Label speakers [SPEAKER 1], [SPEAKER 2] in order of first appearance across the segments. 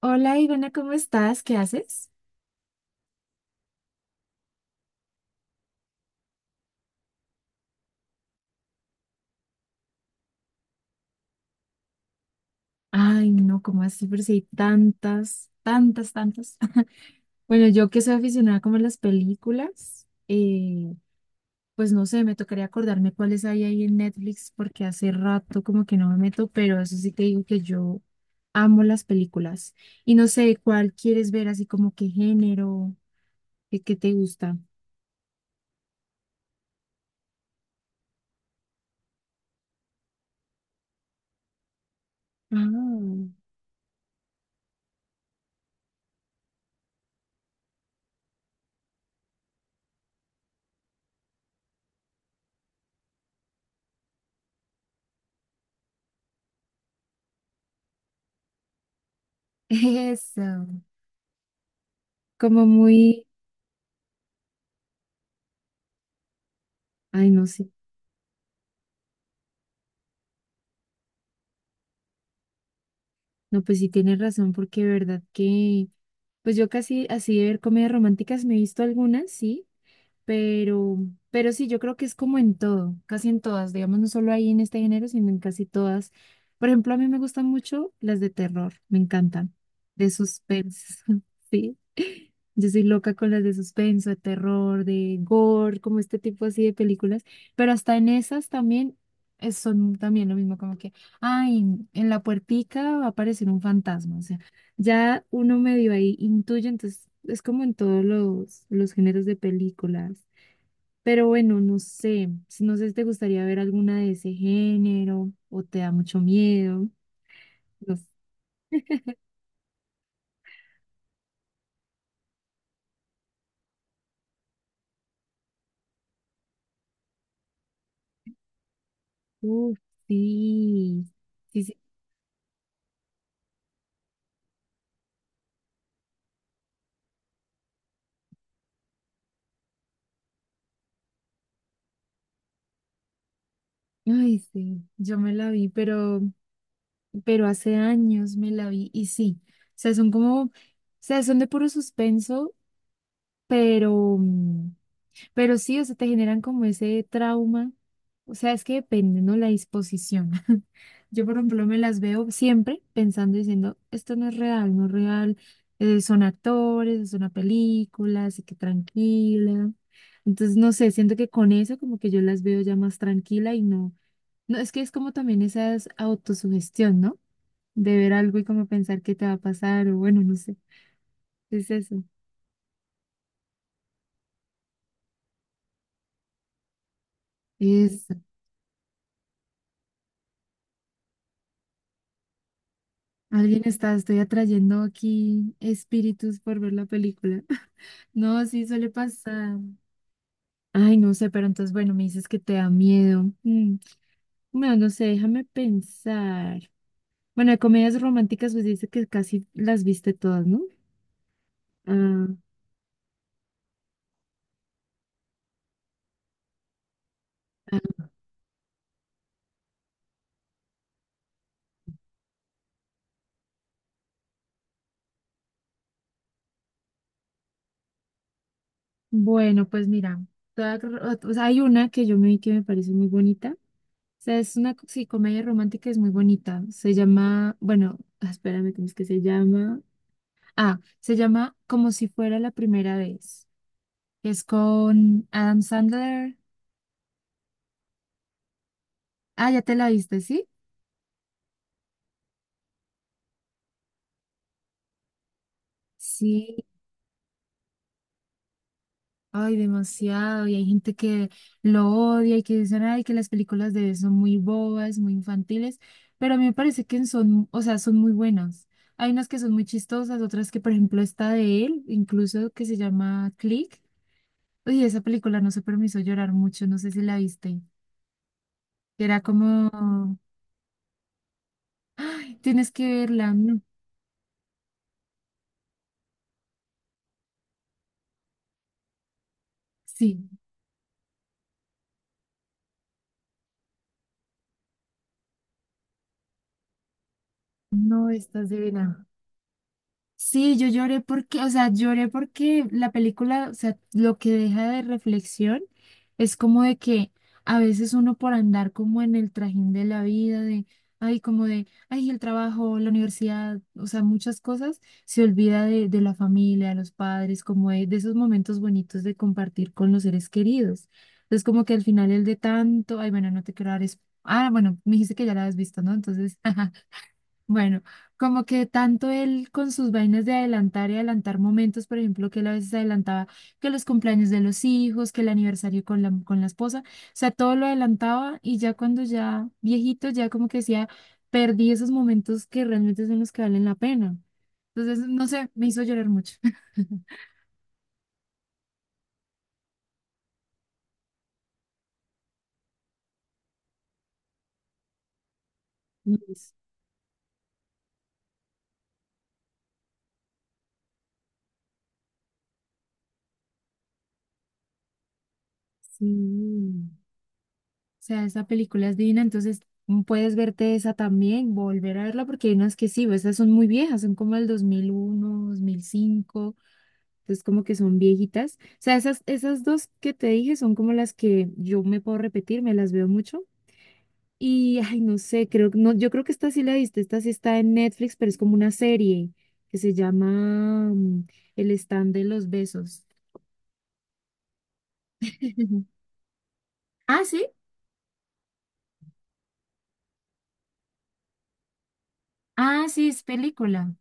[SPEAKER 1] Hola Ivana, ¿cómo estás? ¿Qué haces? Ay, no, ¿cómo así? Pero si hay tantas, tantas, tantas. Bueno, yo que soy aficionada como a las películas, pues no sé, me tocaría acordarme cuáles hay ahí en Netflix porque hace rato como que no me meto, pero eso sí te digo que yo amo las películas. Y no sé, ¿cuál quieres ver así como qué género, qué te gusta? Ah, eso, como muy, ay, no sé. No, pues sí tienes razón, porque de verdad que pues yo casi así de ver comedias románticas me he visto algunas, sí, pero, pero sí, yo creo que es como en todo, casi en todas, digamos, no solo ahí en este género, sino en casi todas. Por ejemplo, a mí me gustan mucho las de terror, me encantan, de suspense, sí. Yo soy loca con las de suspenso, de terror, de gore, como este tipo así de películas, pero hasta en esas también son también lo mismo, como que, ay, en la puertica va a aparecer un fantasma, o sea ya uno medio ahí intuye, entonces es como en todos los géneros de películas. Pero bueno, no sé, no sé si te gustaría ver alguna de ese género o te da mucho miedo. No sé. Uf, sí, sí, sí. Ay, sí, yo me la vi, pero hace años me la vi y sí, o sea, son como, o sea, son de puro suspenso, pero... pero sí, o sea, te generan como ese trauma. O sea, es que depende, ¿no? La disposición. Yo, por ejemplo, me las veo siempre pensando, diciendo, esto no es real, no es real. Son actores, es una película, así que tranquila. Entonces, no sé, siento que con eso como que yo las veo ya más tranquila y no. No, es que es como también esa es autosugestión, ¿no? De ver algo y como pensar qué te va a pasar o bueno, no sé. Es eso. Eso. Alguien está, estoy atrayendo aquí espíritus por ver la película. No, sí suele pasar. Ay, no sé, pero entonces, bueno, me dices que te da miedo. Mm, bueno, no sé, déjame pensar. Bueno, de comedias románticas, pues dice que casi las viste todas, ¿no? Ah, ah, bueno, pues mira, toda- o sea, hay una que yo me vi que me parece muy bonita. O sea, es una sí, comedia romántica, es muy bonita. Se llama, bueno, ah, espérame, ¿cómo es que se llama? Ah, se llama Como si fuera la primera vez. Es con Adam Sandler. Ah, ya te la viste, ¿sí? Sí. Ay, demasiado. Y hay gente que lo odia y que dicen, ay, que las películas de él son muy bobas, muy infantiles. Pero a mí me parece que son, o sea, son muy buenas. Hay unas que son muy chistosas, otras que, por ejemplo, esta de él, incluso que se llama Click. Oye, esa película no se permiso llorar mucho, no sé si la viste. Era como, ay, tienes que verla. No. Sí, no, estás divina. Sí, yo lloré porque, o sea, lloré porque la película, o sea, lo que deja de reflexión es como de que a veces uno por andar como en el trajín de la vida, de, ay, como de, ay, el trabajo, la universidad, o sea, muchas cosas, se olvida de la familia, de los padres, como de esos momentos bonitos de compartir con los seres queridos. Entonces, como que al final el de tanto, ay, bueno, no te quiero dar... ah, bueno, me dijiste que ya la has visto, ¿no? Entonces... Bueno, como que tanto él con sus vainas de adelantar y adelantar momentos, por ejemplo, que él a veces adelantaba que los cumpleaños de los hijos, que el aniversario con con la esposa, o sea, todo lo adelantaba y ya cuando ya viejito, ya como que decía, perdí esos momentos que realmente son los que valen la pena. Entonces, no sé, me hizo llorar mucho. Yes. Sí. Sea, esa película es divina, entonces mm, puedes verte esa también, volver a verla, porque hay unas que sí, esas son muy viejas, son como el 2001 2005, entonces como que son viejitas. O sea, esas, esas dos que te dije son como las que yo me puedo repetir, me las veo mucho. Y, ay, no sé, creo, que no, yo creo que esta sí la viste, esta sí está en Netflix, pero es como una serie que se llama mm, El stand de los besos. Ah, sí, ah, sí, es película.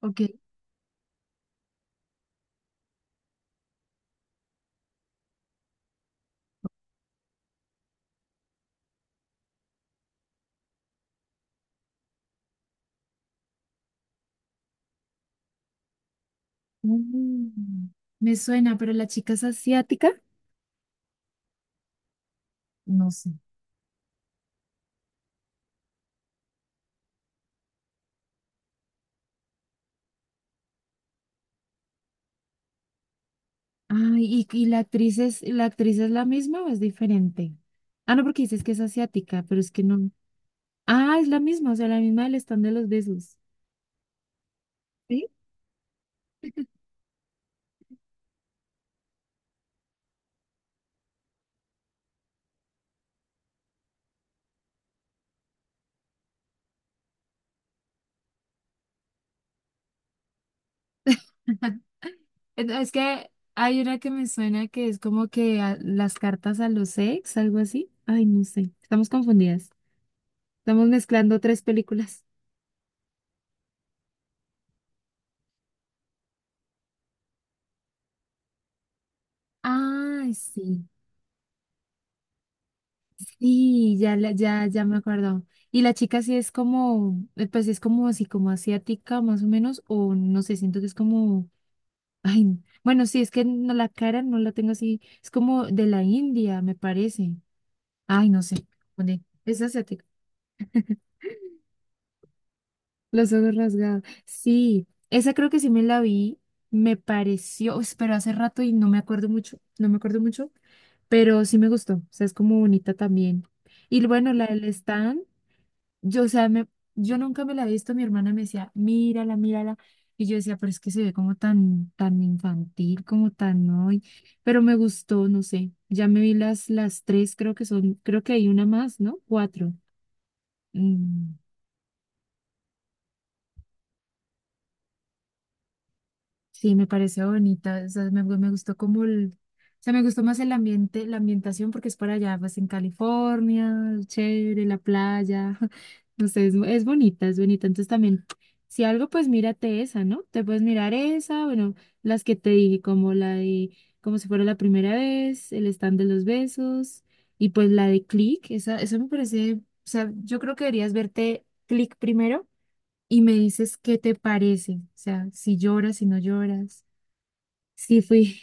[SPEAKER 1] Ok. Mm, me suena, pero la chica es asiática. No sé. Ay, ¿y la actriz es, la actriz es la misma o es diferente? Ah, no, porque dices que es asiática, pero es que no. Ah, es la misma, o sea, la misma del stand de los besos. ¿Sí? Es que hay una que me suena que es como que las cartas a los ex, algo así. Ay, no sé. Estamos confundidas. Estamos mezclando 3 películas. Ay, sí. Y ya, ya, ya me acuerdo. Y la chica sí es como, pues es como así, como asiática más o menos, o no sé, siento que es como, ay, bueno, sí, es que no, la cara no la tengo así, es como de la India, me parece. Ay, no sé, dónde es asiática, los ojos rasgados. Sí, esa creo que sí me la vi, me pareció, uy, pero hace rato y no me acuerdo mucho, no me acuerdo mucho, pero sí me gustó, o sea, es como bonita también. Y bueno, la del stand. Yo, o sea, me, yo nunca me la he visto, mi hermana me decía, mírala, mírala. Y yo decía, pero es que se ve como tan, tan infantil, como tan hoy. Pero me gustó, no sé. Ya me vi las, las 3, creo que son, creo que hay una más, ¿no? Cuatro. Mm. Sí, me pareció bonita, o sea, me, me gustó como el, o sea, me gustó más el ambiente, la ambientación porque es para allá, pues en California, chévere, la playa, no sé, es bonita, entonces también, si algo, pues mírate esa, ¿no? Te puedes mirar esa, bueno, las que te dije, como la de, como si fuera la primera vez, el stand de los besos, y pues la de Click, esa, eso me parece, o sea, yo creo que deberías verte Click primero y me dices qué te parece, o sea, si lloras, si no lloras, si fui,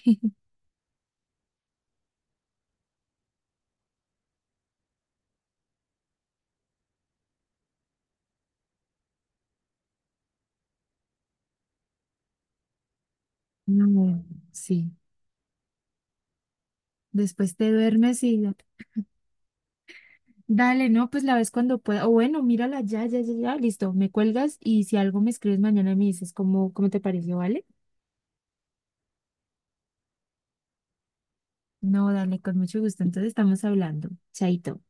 [SPEAKER 1] no, sí, después te duermes y ya, dale, no, pues la ves cuando pueda, o bueno, mírala ya, ya, ya, ya, listo, me cuelgas y si algo me escribes mañana y me dices cómo, cómo te pareció, ¿vale? No, dale, con mucho gusto, entonces estamos hablando, chaito.